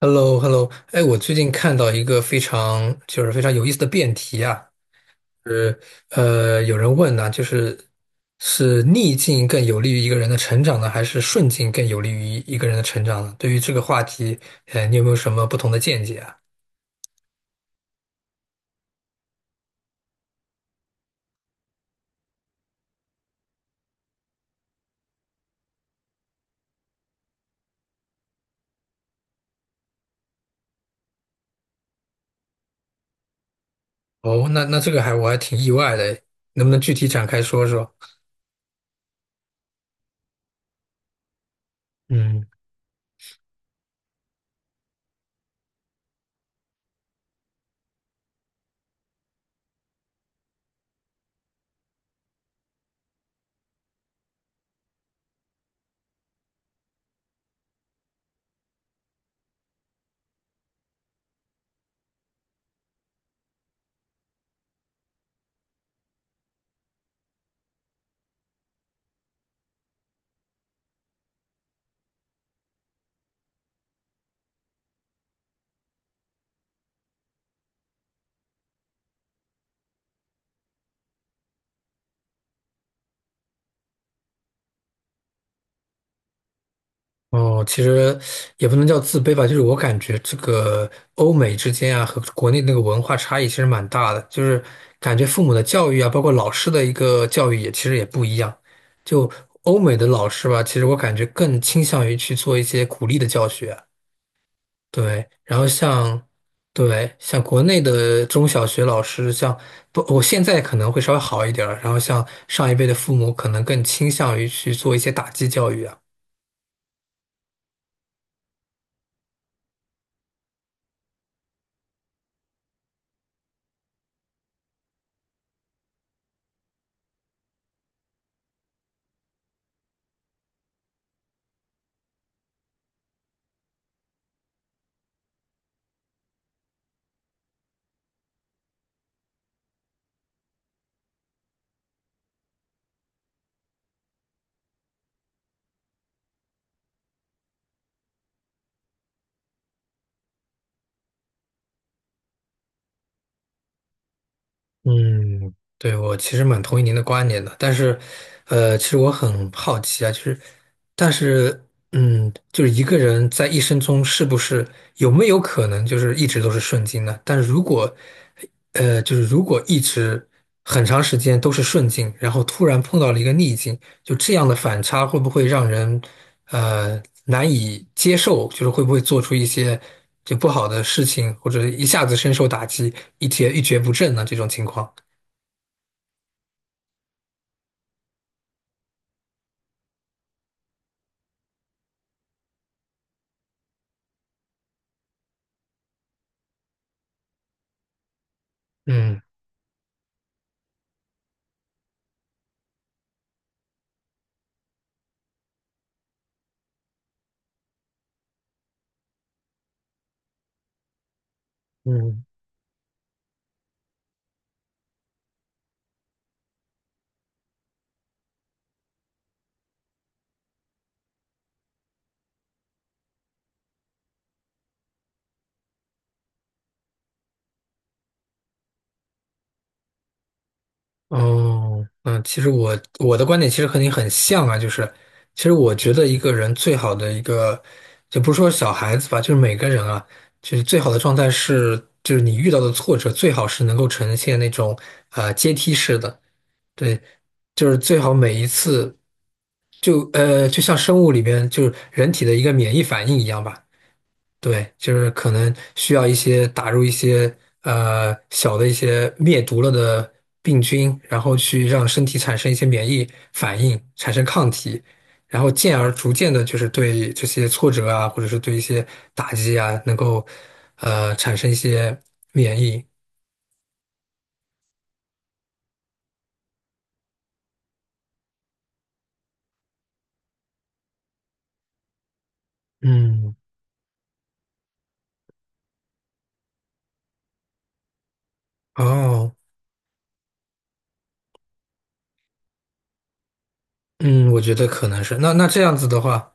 h e l l o h e l l o 哎，我最近看到一个非常有意思的辩题啊，是有人问呢、逆境更有利于一个人的成长呢，还是顺境更有利于一个人的成长呢？对于这个话题，你有没有什么不同的见解啊？哦，那这个我还挺意外的，能不能具体展开说说？嗯。哦，其实也不能叫自卑吧，就是我感觉这个欧美之间啊和国内那个文化差异其实蛮大的，就是感觉父母的教育啊，包括老师的一个教育也其实也不一样。就欧美的老师吧，其实我感觉更倾向于去做一些鼓励的教学，对。然后像对像国内的中小学老师，像不，我现在可能会稍微好一点儿，然后像上一辈的父母可能更倾向于去做一些打击教育啊。嗯，对，我其实蛮同意您的观点的，但是，其实我很好奇啊，就是，但是，嗯，就是一个人在一生中有没有可能就是一直都是顺境呢？但是如果，就是如果一直很长时间都是顺境，然后突然碰到了一个逆境，就这样的反差会不会让人，难以接受？就是会不会做出一些就不好的事情，或者一下子深受打击，一蹶不振呢？这种情况？嗯。嗯，哦，嗯，其实我的观点其实和你很像啊，就是其实我觉得一个人最好的一个，就不是说小孩子吧，就是每个人啊，就是最好的状态是，就是你遇到的挫折最好是能够呈现那种阶梯式的，对，就是最好每一次就像生物里边就是人体的一个免疫反应一样吧，对，就是可能需要一些打入一些小的一些灭毒了的病菌，然后去让身体产生一些免疫反应，产生抗体，然后进而逐渐的，就是对这些挫折啊，或者是对一些打击啊，能够产生一些免疫。嗯，哦，嗯，我觉得可能是。那那这样子的话，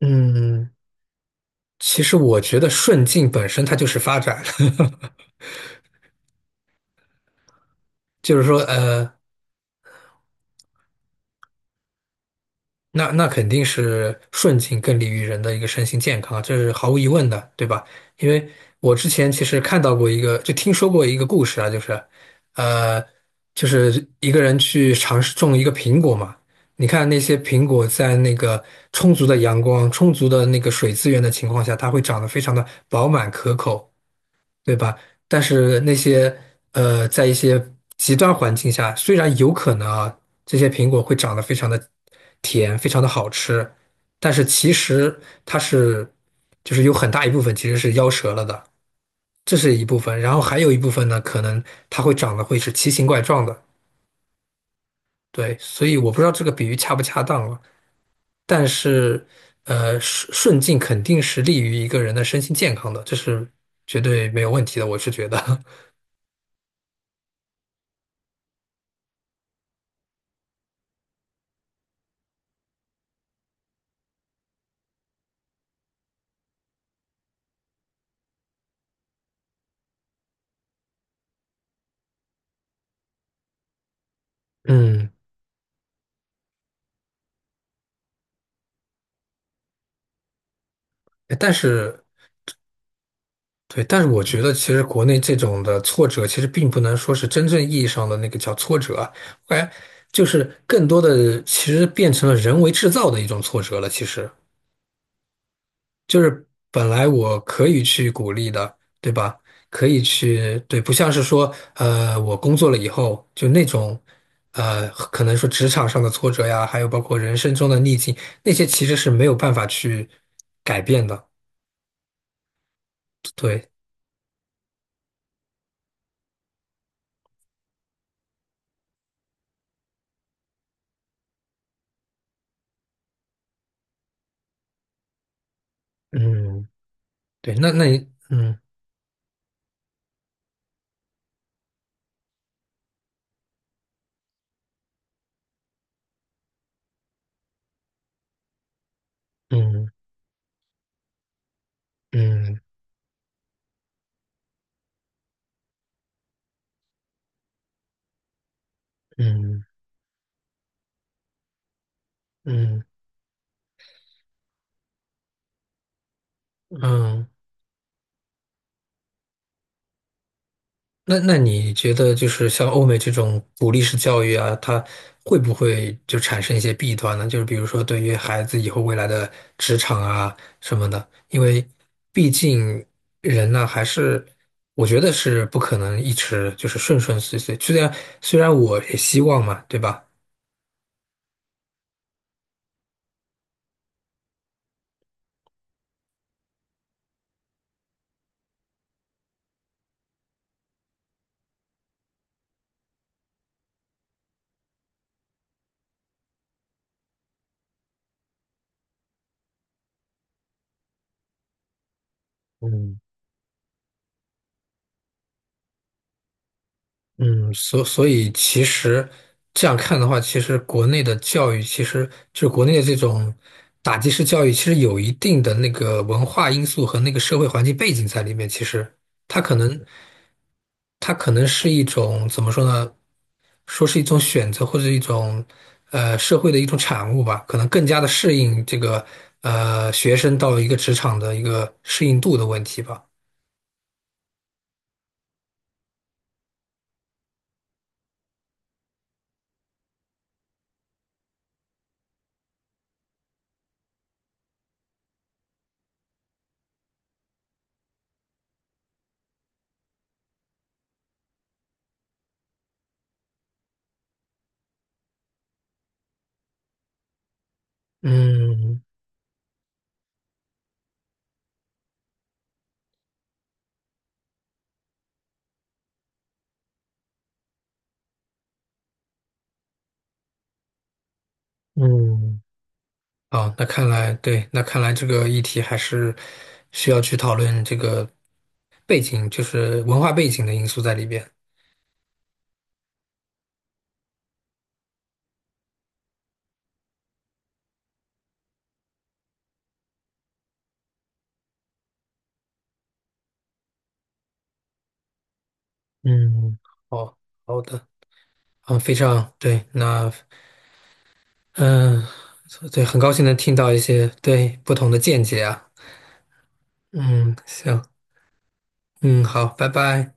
嗯，其实我觉得顺境本身它就是发展。就是说，那那肯定是顺境更利于人的一个身心健康啊这是毫无疑问的，对吧？因为我之前其实看到过一个，就听说过一个故事啊，就是，呃，就是一个人去尝试种一个苹果嘛，你看那些苹果在那个充足的阳光、充足的那个水资源的情况下，它会长得非常的饱满可口。对吧？但是那些在一些极端环境下，虽然有可能啊，这些苹果会长得非常的甜，非常的好吃，但是其实它是就是有很大一部分其实是夭折了的，这是一部分。然后还有一部分呢，可能它会长得会是奇形怪状的。对，所以我不知道这个比喻恰不恰当了，但是顺境肯定是利于一个人的身心健康的，这是绝对没有问题的，我是觉得，嗯。哎但是对，但是我觉得其实国内这种的挫折，其实并不能说是真正意义上的那个叫挫折啊，我感觉就是更多的其实变成了人为制造的一种挫折了。其实就是本来我可以去鼓励的，对吧？可以去，对，不像是说，我工作了以后就那种，可能说职场上的挫折呀，还有包括人生中的逆境，那些其实是没有办法去改变的。对，嗯，对，那那你。嗯。嗯嗯嗯嗯嗯，那那你觉得就是像欧美这种鼓励式教育啊，它会不会就产生一些弊端呢？就是比如说对于孩子以后未来的职场啊什么的，因为毕竟人呢还是我觉得是不可能一直就是顺顺遂遂，虽然虽然我也希望嘛，对吧？嗯。嗯，所所以其实这样看的话，其实国内的教育，其实就是国内的这种打击式教育，其实有一定的那个文化因素和那个社会环境背景在里面。其实它可能，它可能是一种怎么说呢？说是一种选择或者一种社会的一种产物吧，可能更加的适应这个学生到一个职场的一个适应度的问题吧。嗯嗯，好，那看来对，那看来这个议题还是需要去讨论这个背景，就是文化背景的因素在里边。嗯，好，好的，啊，非常对，那嗯，对，很高兴能听到一些对不同的见解啊。嗯，行，嗯，好，拜拜。